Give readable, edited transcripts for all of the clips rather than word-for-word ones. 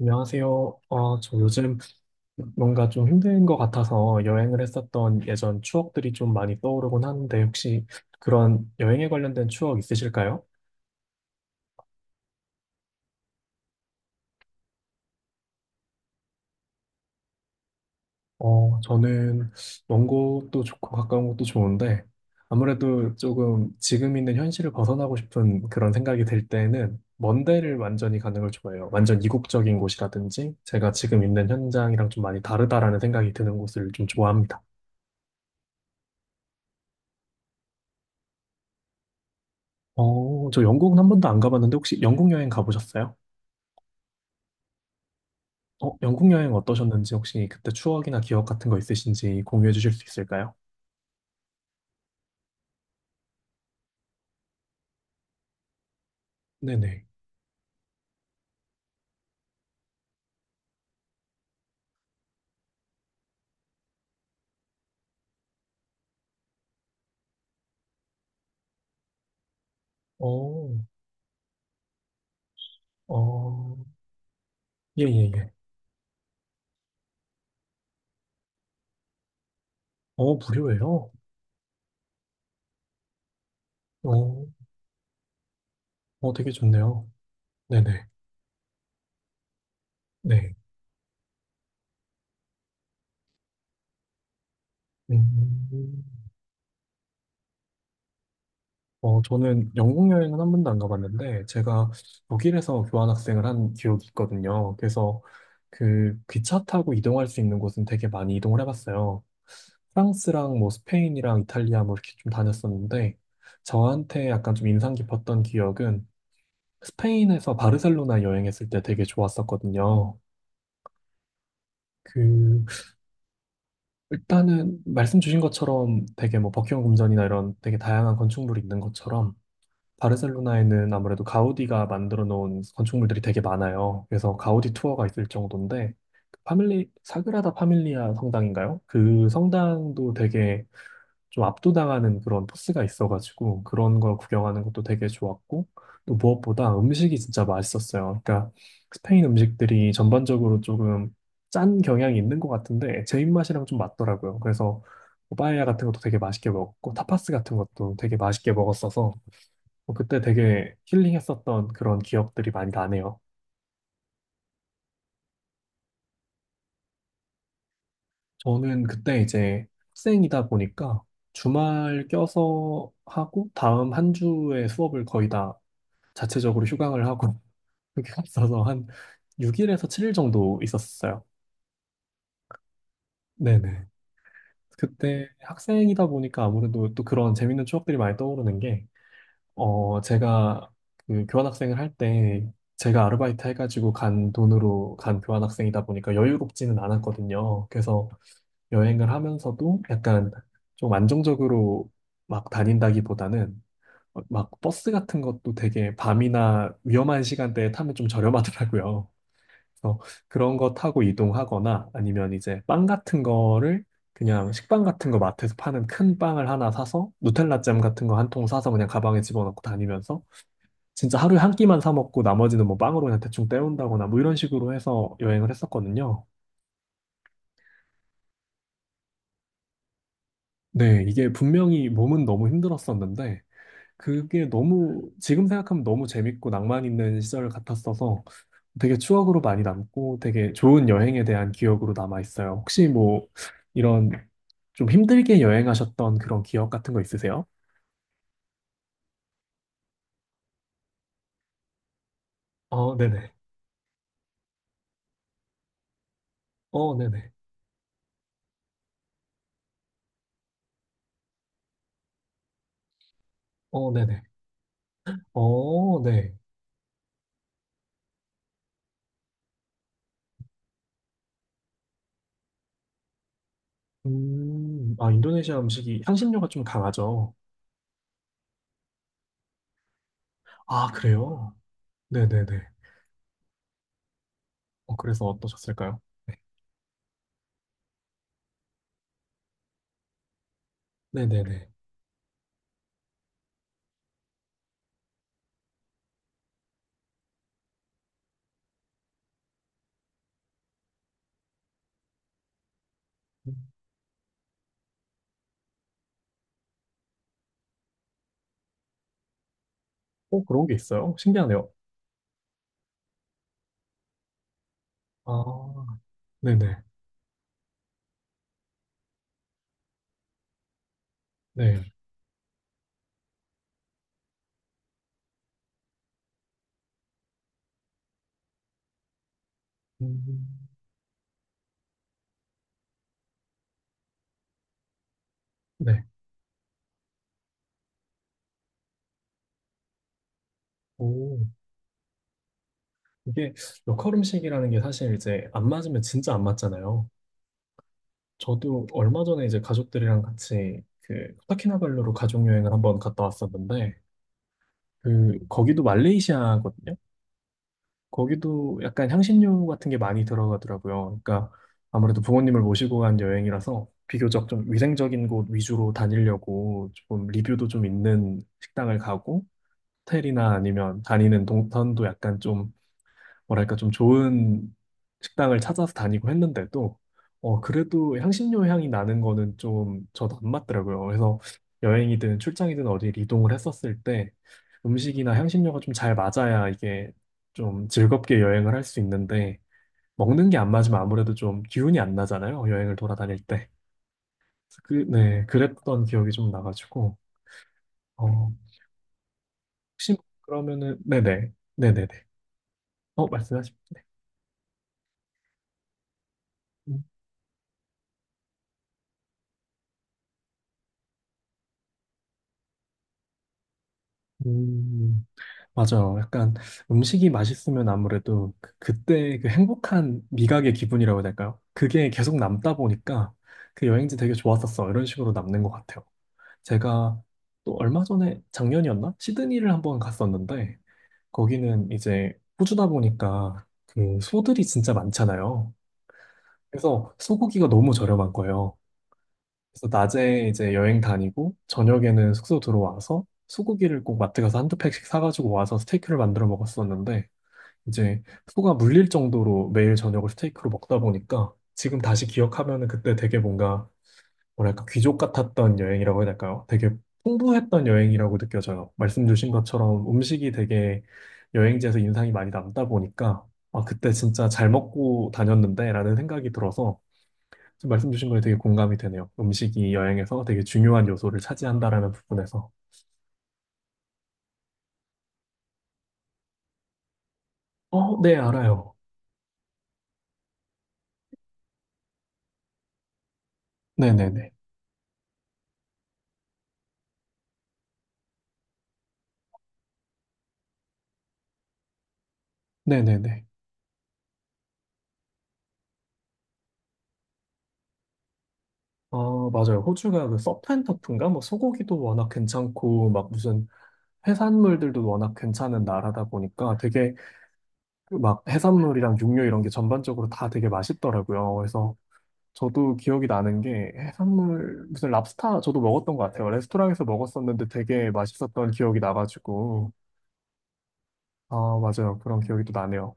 안녕하세요. 아, 저 요즘 뭔가 좀 힘든 것 같아서 여행을 했었던 예전 추억들이 좀 많이 떠오르곤 하는데 혹시 그런 여행에 관련된 추억 있으실까요? 어, 저는 먼 곳도 좋고 가까운 곳도 좋은데 아무래도 조금 지금 있는 현실을 벗어나고 싶은 그런 생각이 들 때는 먼 데를 완전히 가는 걸 좋아해요. 완전 이국적인 곳이라든지 제가 지금 있는 현장이랑 좀 많이 다르다라는 생각이 드는 곳을 좀 좋아합니다. 어, 저 영국은 한 번도 안 가봤는데 혹시 영국 여행 가보셨어요? 어, 영국 여행 어떠셨는지 혹시 그때 추억이나 기억 같은 거 있으신지 공유해 주실 수 있을까요? 네네. 어, 어, 예, 예, 예. 어, 무료예요? 어, 어, 되게 좋네요. 네네. 네. 음, 어, 저는 영국 여행은 한 번도 안 가봤는데 제가 독일에서 교환학생을 한 기억이 있거든요. 그래서 그 기차 타고 이동할 수 있는 곳은 되게 많이 이동을 해봤어요. 프랑스랑 뭐 스페인이랑 이탈리아 뭐 이렇게 좀 다녔었는데 저한테 약간 좀 인상 깊었던 기억은 스페인에서 바르셀로나 여행했을 때 되게 좋았었거든요. 그 일단은 말씀 주신 것처럼 되게 뭐 버킹엄 궁전이나 이런 되게 다양한 건축물이 있는 것처럼 바르셀로나에는 아무래도 가우디가 만들어 놓은 건축물들이 되게 많아요. 그래서 가우디 투어가 있을 정도인데 그 파밀리 사그라다 파밀리아 성당인가요? 그 성당도 되게 좀 압도당하는 그런 포스가 있어가지고 그런 걸 구경하는 것도 되게 좋았고 또 무엇보다 음식이 진짜 맛있었어요. 그러니까 스페인 음식들이 전반적으로 조금 짠 경향이 있는 것 같은데 제 입맛이랑 좀 맞더라고요. 그래서 뭐 빠에야 같은 것도 되게 맛있게 먹었고 타파스 같은 것도 되게 맛있게 먹었어서 뭐 그때 되게 힐링했었던 그런 기억들이 많이 나네요. 저는 그때 이제 학생이다 보니까 주말 껴서 하고 다음 한 주에 수업을 거의 다 자체적으로 휴강을 하고 그게 없어서 한 6일에서 7일 정도 있었어요. 네네. 그때 학생이다 보니까 아무래도 또 그런 재밌는 추억들이 많이 떠오르는 게, 어, 제가 그 교환학생을 할 때, 제가 아르바이트 해가지고 간 돈으로 간 교환학생이다 보니까 여유롭지는 않았거든요. 그래서 여행을 하면서도 약간 좀 안정적으로 막 다닌다기보다는 막 버스 같은 것도 되게 밤이나 위험한 시간대에 타면 좀 저렴하더라고요. 그래서 그런 거 타고 이동하거나 아니면 이제 빵 같은 거를 그냥 식빵 같은 거 마트에서 파는 큰 빵을 하나 사서 누텔라 잼 같은 거 한 통 사서 그냥 가방에 집어넣고 다니면서 진짜 하루에 한 끼만 사 먹고 나머지는 뭐 빵으로 그냥 대충 때운다거나 뭐 이런 식으로 해서 여행을 했었거든요. 네, 이게 분명히 몸은 너무 힘들었었는데 그게 너무 지금 생각하면 너무 재밌고 낭만 있는 시절 같았어서 되게 추억으로 많이 남고 되게 좋은 여행에 대한 기억으로 남아 있어요. 혹시 뭐 이런 좀 힘들게 여행하셨던 그런 기억 같은 거 있으세요? 어, 네네. 어, 네네. 어, 네네. 어, 네. 아, 인도네시아 음식이 향신료가 좀 강하죠. 아, 그래요? 네네네. 어, 그래서 어떠셨을까요? 네. 네네네. 음, 어, 그런 게 있어요? 신기하네요. 아, 네네. 네. 음, 네. 오, 이게 로컬 음식이라는 게 사실 이제 안 맞으면 진짜 안 맞잖아요. 저도 얼마 전에 이제 가족들이랑 같이 그 코타키나발루로 가족 여행을 한번 갔다 왔었는데 그 거기도 말레이시아거든요. 거기도 약간 향신료 같은 게 많이 들어가더라고요. 그러니까 아무래도 부모님을 모시고 간 여행이라서 비교적 좀 위생적인 곳 위주로 다니려고 조금 리뷰도 좀 있는 식당을 가고 호텔이나 아니면 다니는 동선도 약간 좀 뭐랄까 좀 좋은 식당을 찾아서 다니고 했는데도 어 그래도 향신료 향이 나는 거는 좀 저도 안 맞더라고요. 그래서 여행이든 출장이든 어디 이동을 했었을 때 음식이나 향신료가 좀 잘 맞아야 이게 좀 즐겁게 여행을 할 수 있는데 먹는 게 안 맞으면 아무래도 좀 기운이 안 나잖아요. 여행을 돌아다닐 때. 그래서 그, 네, 그랬던 기억이 좀 나가지고 어 혹시 그러면은 네네 네네네 어 말씀하십시오. 네. 음, 맞아요. 약간 음식이 맛있으면 아무래도 그때 그 행복한 미각의 기분이라고 해야 될까요? 그게 계속 남다 보니까 그 여행지 되게 좋았었어. 이런 식으로 남는 것 같아요. 제가 또 얼마 전에 작년이었나? 시드니를 한번 갔었는데 거기는 이제 호주다 보니까 그 소들이 진짜 많잖아요. 그래서 소고기가 너무 저렴한 거예요. 그래서 낮에 이제 여행 다니고 저녁에는 숙소 들어와서 소고기를 꼭 마트 가서 한두 팩씩 사가지고 와서 스테이크를 만들어 먹었었는데 이제 소가 물릴 정도로 매일 저녁을 스테이크로 먹다 보니까 지금 다시 기억하면은 그때 되게 뭔가 뭐랄까 귀족 같았던 여행이라고 해야 될까요? 되게 풍부했던 여행이라고 느껴져요. 말씀 주신 것처럼 음식이 되게 여행지에서 인상이 많이 남다 보니까 아, 그때 진짜 잘 먹고 다녔는데라는 생각이 들어서 지금 말씀 주신 거에 되게 공감이 되네요. 음식이 여행에서 되게 중요한 요소를 차지한다라는 부분에서. 어, 네, 알아요. 네네네. 네네네. 아, 맞아요. 호주가 그 서프앤터프인가? 뭐 소고기도 워낙 괜찮고, 막 무슨 해산물들도 워낙 괜찮은 나라다 보니까 되게 그 막 해산물이랑 육류 이런 게 전반적으로 다 되게 맛있더라고요. 그래서 저도 기억이 나는 게 해산물, 무슨 랍스타 저도 먹었던 것 같아요. 레스토랑에서 먹었었는데 되게 맛있었던 기억이 나가지고. 아, 맞아요. 그런 기억이 또 나네요.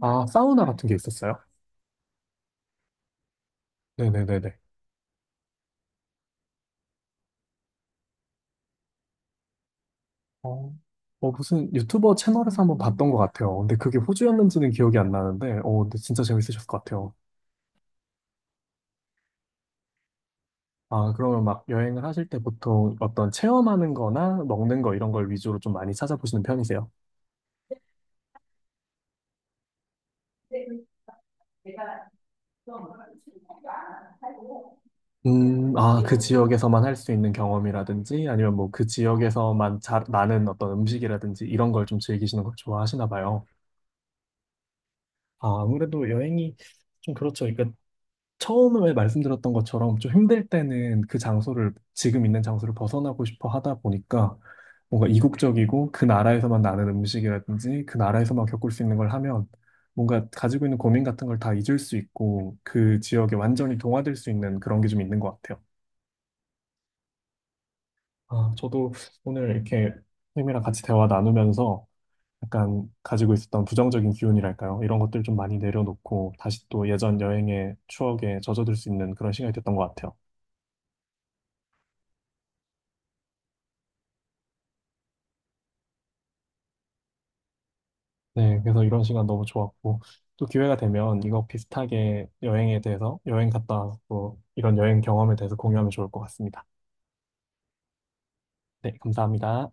아, 사우나 같은 게 있었어요? 네네네네. 어, 어, 무슨 유튜버 채널에서 한번 봤던 것 같아요. 근데 그게 호주였는지는 기억이 안 나는데, 어, 근데 진짜 재밌으셨을 것 같아요. 아, 그러면 막 여행을 하실 때 보통 어떤 체험하는 거나 먹는 거 이런 걸 위주로 좀 많이 찾아보시는 편이세요? 아, 그 지역에서만 할 수 있는 경험이라든지 아니면 뭐 그 지역에서만 잘 나는 어떤 음식이라든지 이런 걸 좀 즐기시는 걸 좋아하시나 봐요. 아, 아무래도 여행이 좀 그렇죠. 그러니까 처음에 말씀드렸던 것처럼 좀 힘들 때는 그 장소를, 지금 있는 장소를 벗어나고 싶어 하다 보니까 뭔가 이국적이고 그 나라에서만 나는 음식이라든지 그 나라에서만 겪을 수 있는 걸 하면 뭔가 가지고 있는 고민 같은 걸 다 잊을 수 있고 그 지역에 완전히 동화될 수 있는 그런 게 좀 있는 것 같아요. 아, 저도 오늘 이렇게 선생님이랑 같이 대화 나누면서 약간 가지고 있었던 부정적인 기운이랄까요? 이런 것들 좀 많이 내려놓고 다시 또 예전 여행의 추억에 젖어들 수 있는 그런 시간이 됐던 것 같아요. 네, 그래서 이런 시간 너무 좋았고, 또 기회가 되면 이거 비슷하게 여행에 대해서, 여행 갔다 와서 또 이런 여행 경험에 대해서 공유하면 좋을 것 같습니다. 네, 감사합니다.